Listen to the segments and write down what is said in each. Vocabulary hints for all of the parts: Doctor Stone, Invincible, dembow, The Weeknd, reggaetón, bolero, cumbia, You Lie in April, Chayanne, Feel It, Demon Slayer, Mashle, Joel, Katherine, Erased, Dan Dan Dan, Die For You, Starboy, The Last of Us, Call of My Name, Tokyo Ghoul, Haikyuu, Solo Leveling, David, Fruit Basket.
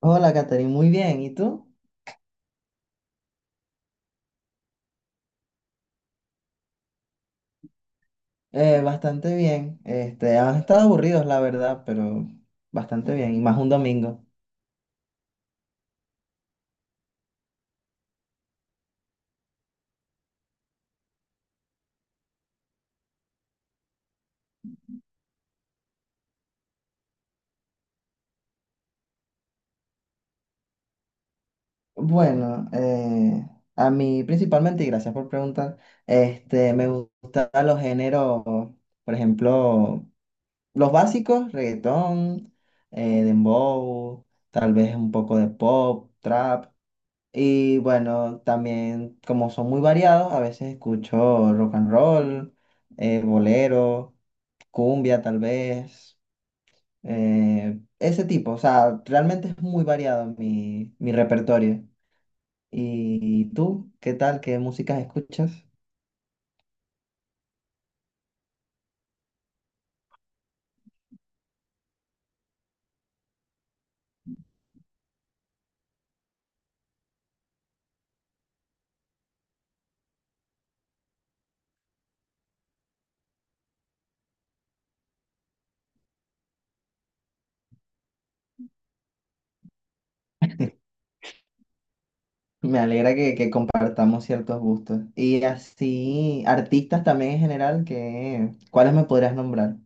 Hola, Katherine, muy bien. ¿Y tú? Bastante bien. Han estado aburridos, la verdad, pero bastante bien. Y más un domingo. Bueno, eh, a mí principalmente, y gracias por preguntar, me gustan los géneros, por ejemplo, los básicos, reggaetón, dembow, tal vez un poco de pop, trap. Y bueno, también como son muy variados, a veces escucho rock and roll, bolero, cumbia tal vez, ese tipo, o sea, realmente es muy variado mi repertorio. ¿Y tú, qué tal? ¿Qué músicas escuchas? Me alegra que compartamos ciertos gustos. Y así, artistas también en general, que, ¿cuáles me podrías nombrar?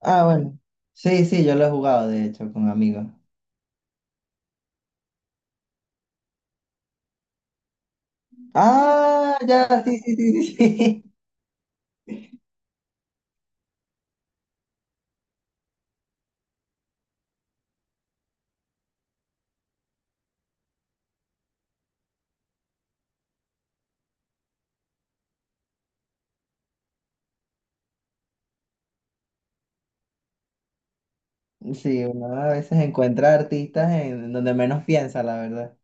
Ah, bueno. Sí, sí, yo lo he jugado, de hecho, con amigos. Ah, ya, sí, sí, sí, sí, sí. Sí, uno a veces encuentra artistas en donde menos piensa, la verdad.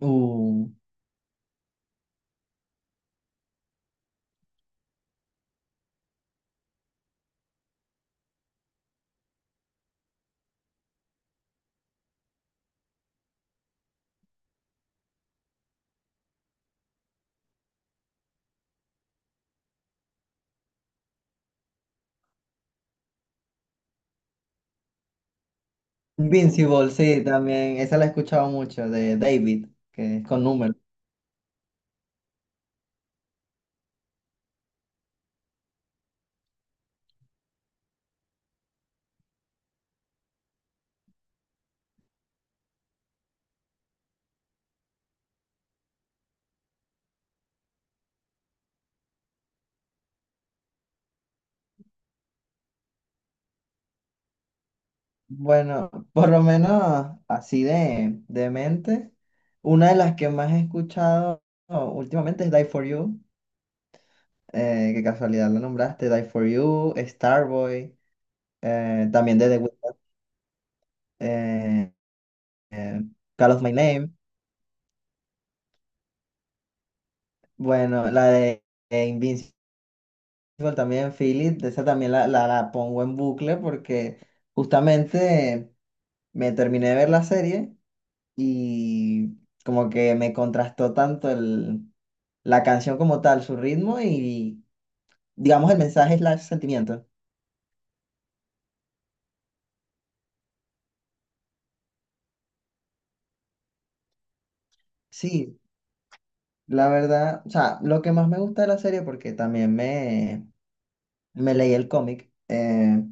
Uh. Invincible, sí, también. Esa la he escuchado mucho, de David, que es con números. Bueno, por lo menos así de mente, una de las que más he escuchado últimamente es Die For You, que casualidad lo nombraste, Die For You, Starboy, también de The Weeknd, eh, eh, Call of My Name. Bueno, la de Invincible también, Feel It, esa también la, la pongo en bucle porque justamente me terminé de ver la serie. Y como que me contrastó tanto el, la canción como tal, su ritmo y digamos el mensaje es el sentimiento. Sí, la verdad, o sea, lo que más me gusta de la serie, porque también me leí el cómic,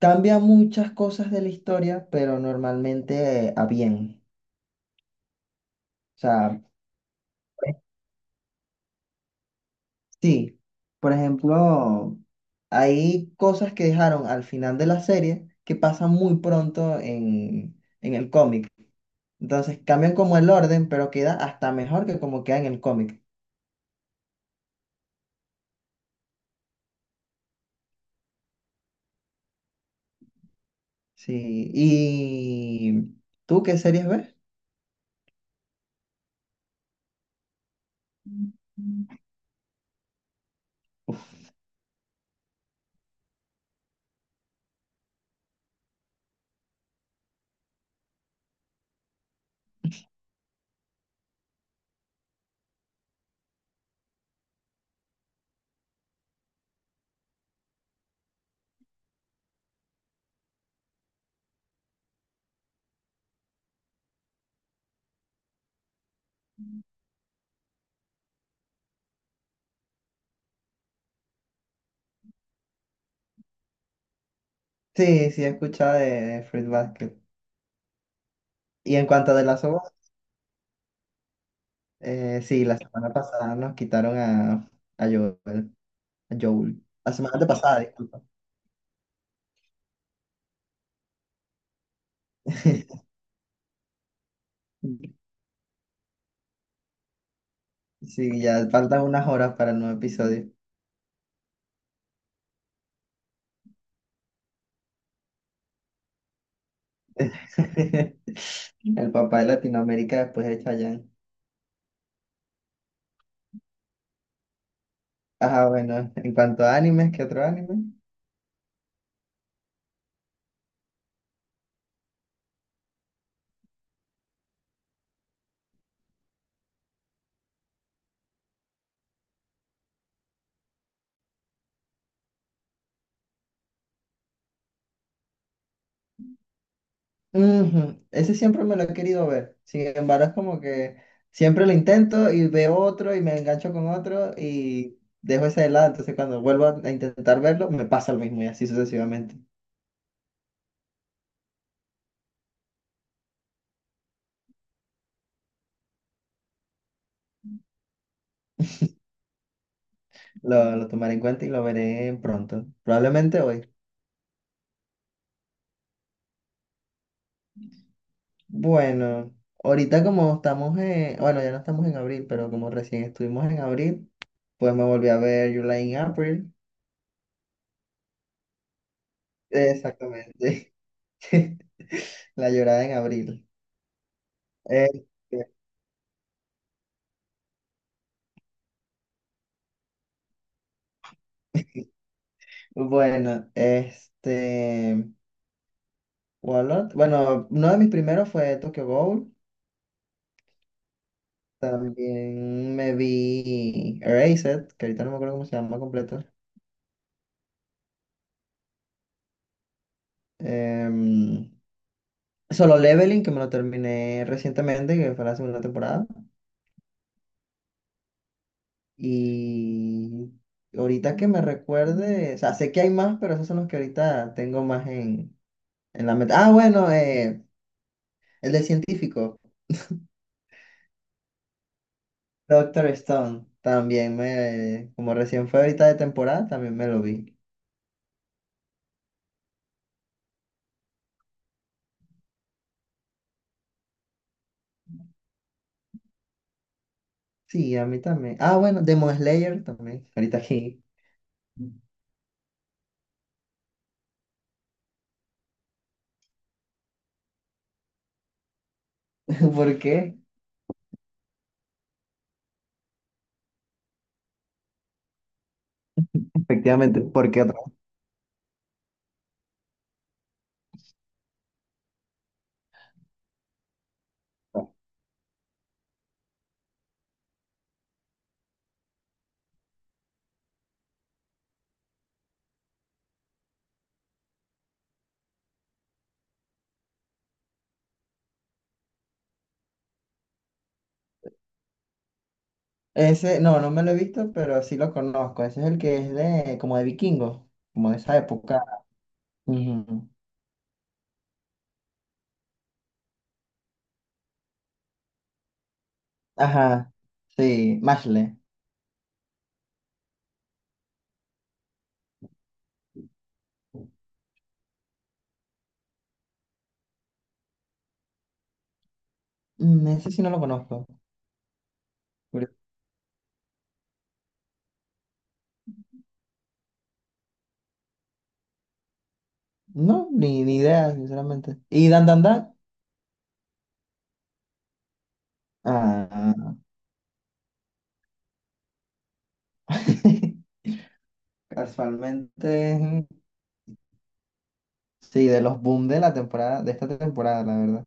cambia muchas cosas de la historia, pero normalmente a bien. O sea, pues, sí, por ejemplo, hay cosas que dejaron al final de la serie que pasan muy pronto en el cómic. Entonces cambian como el orden, pero queda hasta mejor que como queda en el cómic. Sí. ¿Y tú qué series ves? Sí, sí, he escuchado de Fruit Basket. Y en cuanto a The Last of Us, sí, la semana pasada nos quitaron a Joel, a Joel. La semana antepasada, disculpa. Sí, ya faltan unas horas para el nuevo episodio. El papá de Latinoamérica después de Chayanne. Ajá, bueno, en cuanto a animes, ¿qué otro anime? Ujú. Ese siempre me lo he querido ver. Sin embargo, es como que siempre lo intento y veo otro y me engancho con otro y dejo ese de lado. Entonces, cuando vuelvo a intentar verlo, me pasa lo mismo y así sucesivamente. Lo tomaré en cuenta y lo veré pronto. Probablemente hoy. Bueno, ahorita como estamos en, bueno, ya no estamos en abril, pero como recién estuvimos en abril, pues me volví a ver You Lie in April. Exactamente. La llorada en abril. Bueno, este, ¿Cuál ot- Bueno, uno de mis primeros fue Tokyo Ghoul. También me vi Erased, que ahorita no me acuerdo cómo se llama completo. Em, Solo Leveling, que me lo terminé recientemente, que fue la segunda temporada. Y ahorita que me recuerde, o sea, sé que hay más, pero esos son los que ahorita tengo más en la meta. Ah, bueno, el de científico. Doctor Stone, también me, como recién fue ahorita de temporada, también me lo vi. Sí, a mí también. Ah, bueno, Demon Slayer también, ahorita aquí. ¿Por qué? Efectivamente, porque otra vez. Ese, no, no me lo he visto, pero sí lo conozco. Ese es el que es de, como de vikingos, como de esa época. Ujú. Ajá, sí, Mashle. Mm, ese sí no lo conozco. Curio- No, ni, ni idea, sinceramente. ¿Y Dan Dan Dan? Ah, casualmente. Sí, de los boom de la temporada, de esta temporada, la verdad.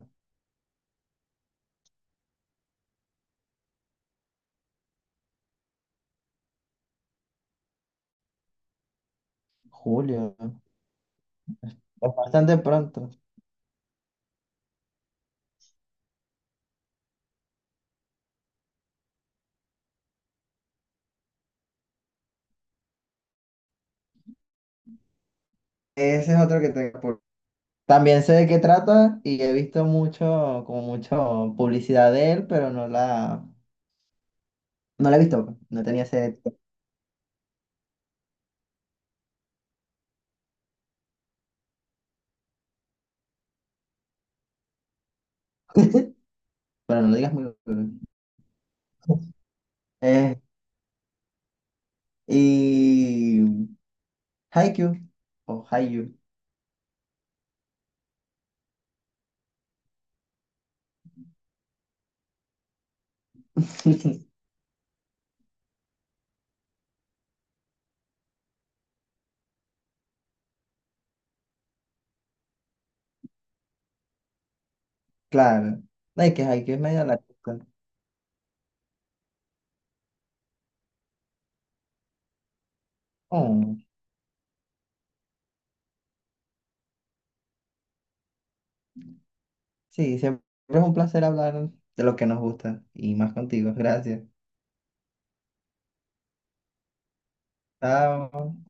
Julio, es bastante pronto. Ese es otro que tengo. Por- También sé de qué trata y he visto mucho, como mucho publicidad de él, pero no la, no la he visto, pues. No tenía ese. Pero no lo digas muy duro. Eh, y Haikyuu o Haikyuu. Claro. No, es que Haikyuu es medio larguito. Oh, sí, siempre es un placer hablar de lo que nos gusta y más contigo. Gracias. Chao.